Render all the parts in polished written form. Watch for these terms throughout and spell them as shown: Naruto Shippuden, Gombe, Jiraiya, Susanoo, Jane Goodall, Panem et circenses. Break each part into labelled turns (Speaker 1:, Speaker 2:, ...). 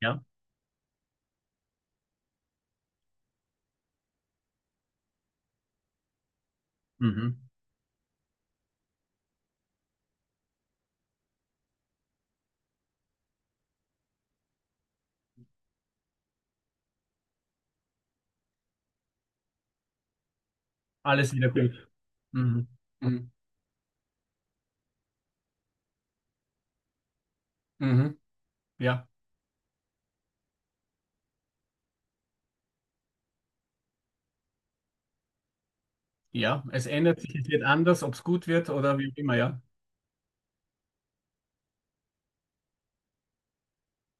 Speaker 1: Ja, mhm. Alles wieder, ja, gut. Mhm. Mhm. Mhm. Ja, ja, es ändert sich, es wird anders, ob es gut wird oder wie auch immer, ja.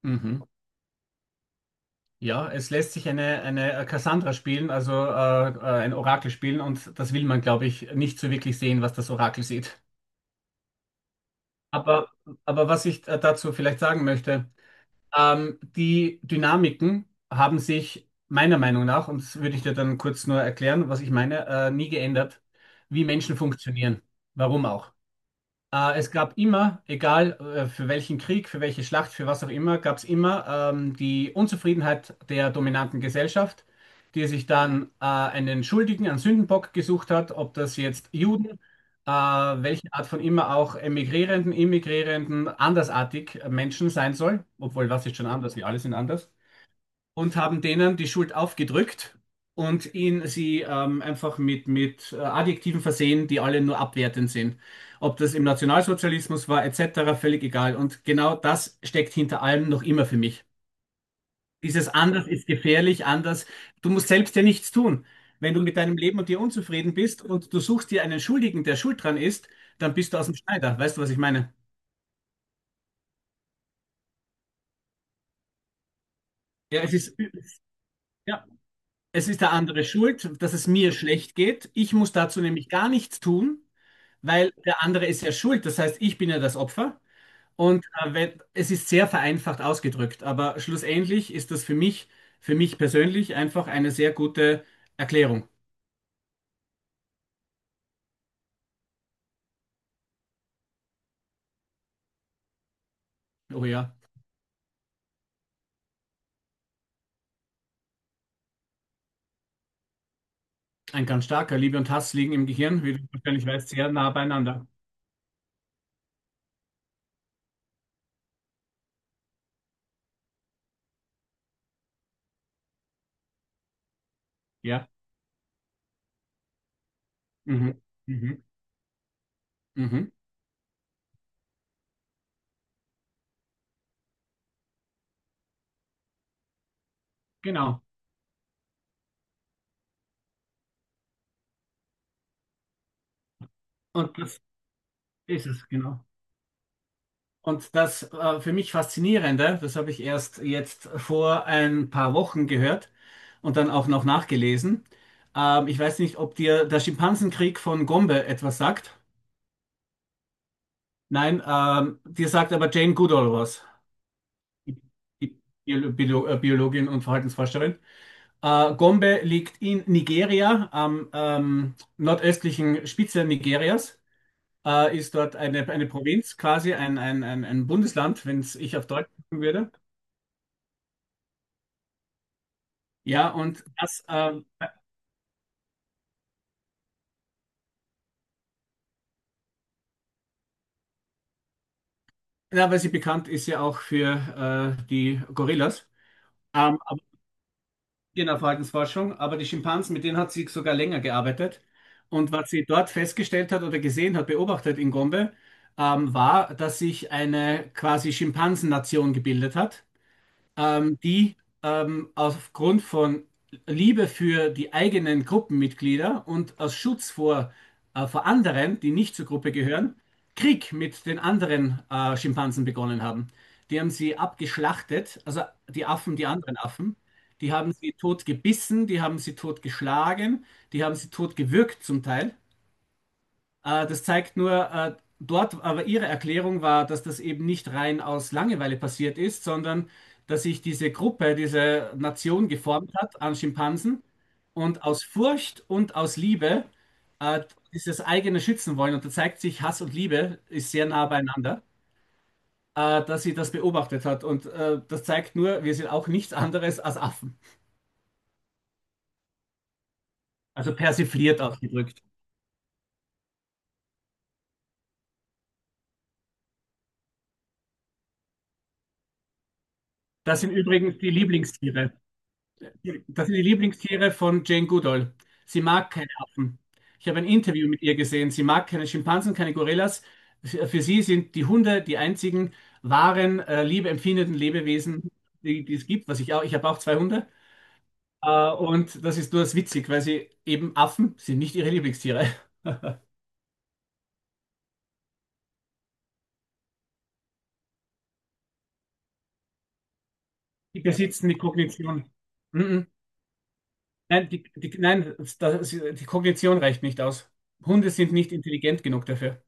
Speaker 1: Mhm. Ja, es lässt sich eine Cassandra spielen, also ein Orakel spielen und das will man, glaube ich, nicht so wirklich sehen, was das Orakel sieht. Aber, aber was ich dazu vielleicht sagen möchte, die Dynamiken haben sich meiner Meinung nach, und das würde ich dir dann kurz nur erklären, was ich meine, nie geändert, wie Menschen funktionieren. Warum auch? Es gab immer, egal für welchen Krieg, für welche Schlacht, für was auch immer, gab es immer die Unzufriedenheit der dominanten Gesellschaft, die sich dann einen Schuldigen, einen Sündenbock gesucht hat, ob das jetzt Juden, welche Art von immer auch Emigrierenden, Immigrierenden, andersartig Menschen sein soll, obwohl was ist schon anders, wir alle sind anders und haben denen die Schuld aufgedrückt und ihn sie einfach mit Adjektiven versehen, die alle nur abwertend sind. Ob das im Nationalsozialismus war, etc., völlig egal. Und genau das steckt hinter allem noch immer für mich. Dieses anders ist gefährlich, anders. Du musst selbst ja nichts tun. Wenn du mit deinem Leben und dir unzufrieden bist und du suchst dir einen Schuldigen, der schuld dran ist, dann bist du aus dem Schneider. Weißt du, was ich meine? Ja, es ist, ja, es ist der andere schuld, dass es mir schlecht geht. Ich muss dazu nämlich gar nichts tun. Weil der andere ist ja schuld, das heißt, ich bin ja das Opfer und wenn, es ist sehr vereinfacht ausgedrückt, aber schlussendlich ist das für mich persönlich einfach eine sehr gute Erklärung. Oh ja, ein ganz starker Liebe und Hass liegen im Gehirn, wie du wahrscheinlich weißt, sehr nah beieinander. Ja, mhm. Mhm. Mhm. Genau. Und das ist es, genau. Und das für mich Faszinierende, das habe ich erst jetzt vor ein paar Wochen gehört und dann auch noch nachgelesen. Ich weiß nicht, ob dir der Schimpansenkrieg von Gombe etwas sagt. Nein, dir sagt aber Jane Goodall was, die Biologin und Verhaltensforscherin. Gombe liegt in Nigeria, am nordöstlichen Spitze Nigerias. Ist dort eine Provinz, quasi ein Bundesland, wenn es ich auf Deutsch sagen würde. Ja, und das, ja, weil sie bekannt ist ja auch für die Gorillas, aber in der Verhaltensforschung, aber die Schimpansen, mit denen hat sie sogar länger gearbeitet. Und was sie dort festgestellt hat oder gesehen hat, beobachtet in Gombe, war, dass sich eine quasi Schimpansennation gebildet hat. Die aufgrund von Liebe für die eigenen Gruppenmitglieder und aus Schutz vor anderen, die nicht zur Gruppe gehören, Krieg mit den anderen Schimpansen begonnen haben. Die haben sie abgeschlachtet, also die Affen, die anderen Affen. Die haben sie tot gebissen, die haben sie tot geschlagen, die haben sie tot gewürgt zum Teil. Das zeigt nur, aber ihre Erklärung war, dass das eben nicht rein aus Langeweile passiert ist, sondern dass sich diese Gruppe, diese Nation geformt hat an Schimpansen und aus Furcht und aus Liebe äh, dieses eigene schützen wollen. Und da zeigt sich, Hass und Liebe ist sehr nah beieinander, dass sie das beobachtet hat. Und das zeigt nur, wir sind auch nichts anderes als Affen. Also persifliert ausgedrückt. Das sind übrigens die Lieblingstiere. Das sind die Lieblingstiere von Jane Goodall. Sie mag keine Affen. Ich habe ein Interview mit ihr gesehen. Sie mag keine Schimpansen, keine Gorillas. Für sie sind die Hunde die einzigen wahren, liebeempfindenden Lebewesen, die es gibt, was ich auch, ich habe auch zwei Hunde. Und das ist nur das witzig, weil sie eben Affen sind nicht ihre Lieblingstiere. Die besitzen die Kognition. Mhm. Nein, nein, die Kognition reicht nicht aus. Hunde sind nicht intelligent genug dafür.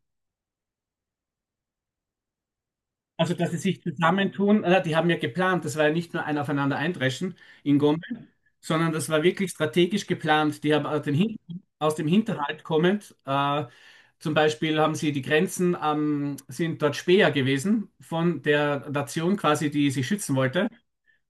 Speaker 1: Also, dass sie sich zusammentun, die haben ja geplant, das war ja nicht nur ein Aufeinander eindreschen in Gombe, sondern das war wirklich strategisch geplant. Die haben aus, den Hin aus dem Hinterhalt kommend, zum Beispiel haben sie die Grenzen, sind dort Späher gewesen von der Nation quasi, die sie schützen wollte.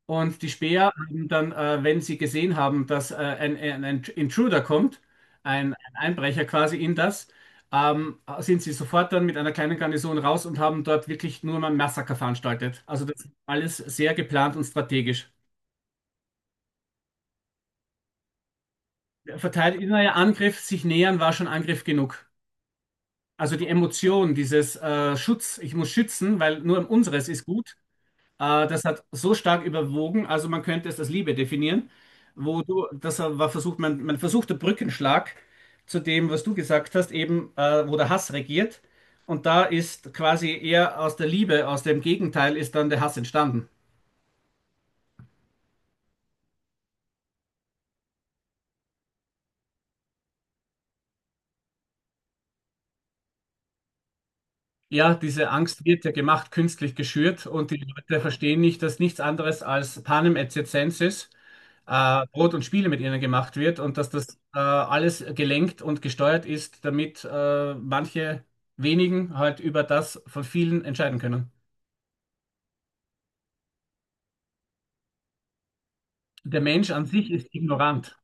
Speaker 1: Und die Späher haben dann, wenn sie gesehen haben, dass ein Intruder kommt, ein Einbrecher quasi in das, sind sie sofort dann mit einer kleinen Garnison raus und haben dort wirklich nur mal ein Massaker veranstaltet. Also das ist alles sehr geplant und strategisch. Verteidiger Angriff, sich nähern war schon Angriff genug. Also die Emotion, dieses Schutz, ich muss schützen, weil nur um unseres ist gut. Das hat so stark überwogen, also man könnte es als Liebe definieren, wo du, das war versucht, man versuchte Brückenschlag zu dem, was du gesagt hast, eben, wo der Hass regiert. Und da ist quasi eher aus der Liebe, aus dem Gegenteil, ist dann der Hass entstanden. Ja, diese Angst wird ja gemacht, künstlich geschürt und die Leute verstehen nicht, dass nichts anderes als Panem et circenses, Brot und Spiele mit ihnen gemacht wird und dass das alles gelenkt und gesteuert ist, damit manche wenigen halt über das von vielen entscheiden können. Der Mensch an sich ist ignorant.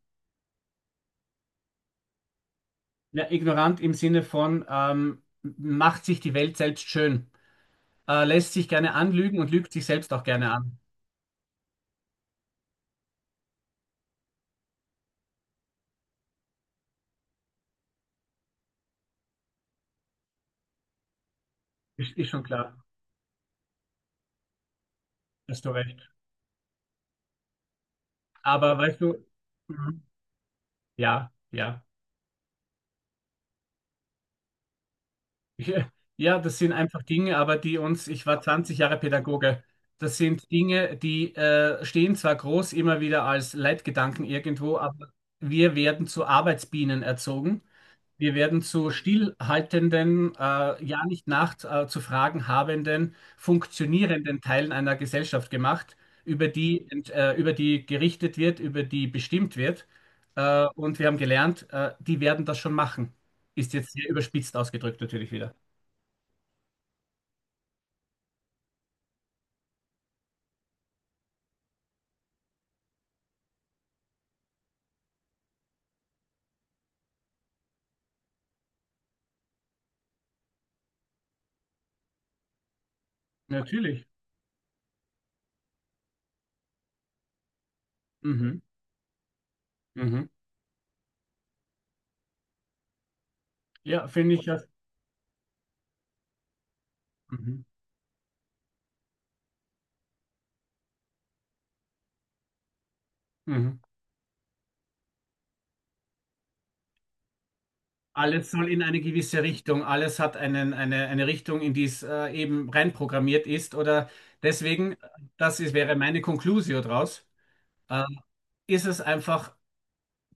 Speaker 1: Ja, ignorant im Sinne von macht sich die Welt selbst schön, lässt sich gerne anlügen und lügt sich selbst auch gerne an. Ist schon klar, hast du recht. Aber weißt du, mhm. Ja, ja. Ja, das sind einfach Dinge, aber die uns, ich war 20 Jahre Pädagoge, das sind Dinge, die stehen zwar groß immer wieder als Leitgedanken irgendwo, aber wir werden zu Arbeitsbienen erzogen. Wir werden zu stillhaltenden, ja nicht nachts zu fragen habenden, funktionierenden Teilen einer Gesellschaft gemacht, über die, über die gerichtet wird, über die bestimmt wird. Und wir haben gelernt, die werden das schon machen. Ist jetzt sehr überspitzt ausgedrückt natürlich wieder. Natürlich. Mhm. Mhm. Ja, finde ich das. Mhm. Mhm. Alles soll in eine gewisse Richtung, alles hat eine Richtung, in die es eben reinprogrammiert ist. Oder deswegen, das ist, wäre meine Conclusio draus, äh, ist es einfach,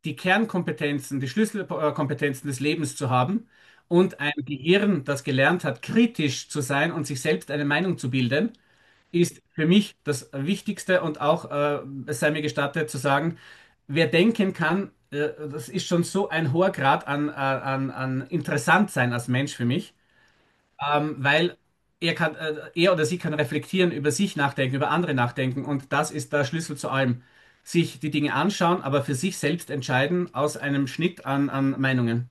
Speaker 1: die Kernkompetenzen, die Schlüsselkompetenzen des Lebens zu haben und ein Gehirn, das gelernt hat, kritisch zu sein und sich selbst eine Meinung zu bilden ist für mich das Wichtigste und auch, es sei mir gestattet zu sagen, wer denken kann, das ist schon so ein hoher Grad an, an interessant sein als Mensch für mich, weil er oder sie kann reflektieren, über sich nachdenken, über andere nachdenken und das ist der Schlüssel zu allem. Sich die Dinge anschauen, aber für sich selbst entscheiden aus einem Schnitt an Meinungen.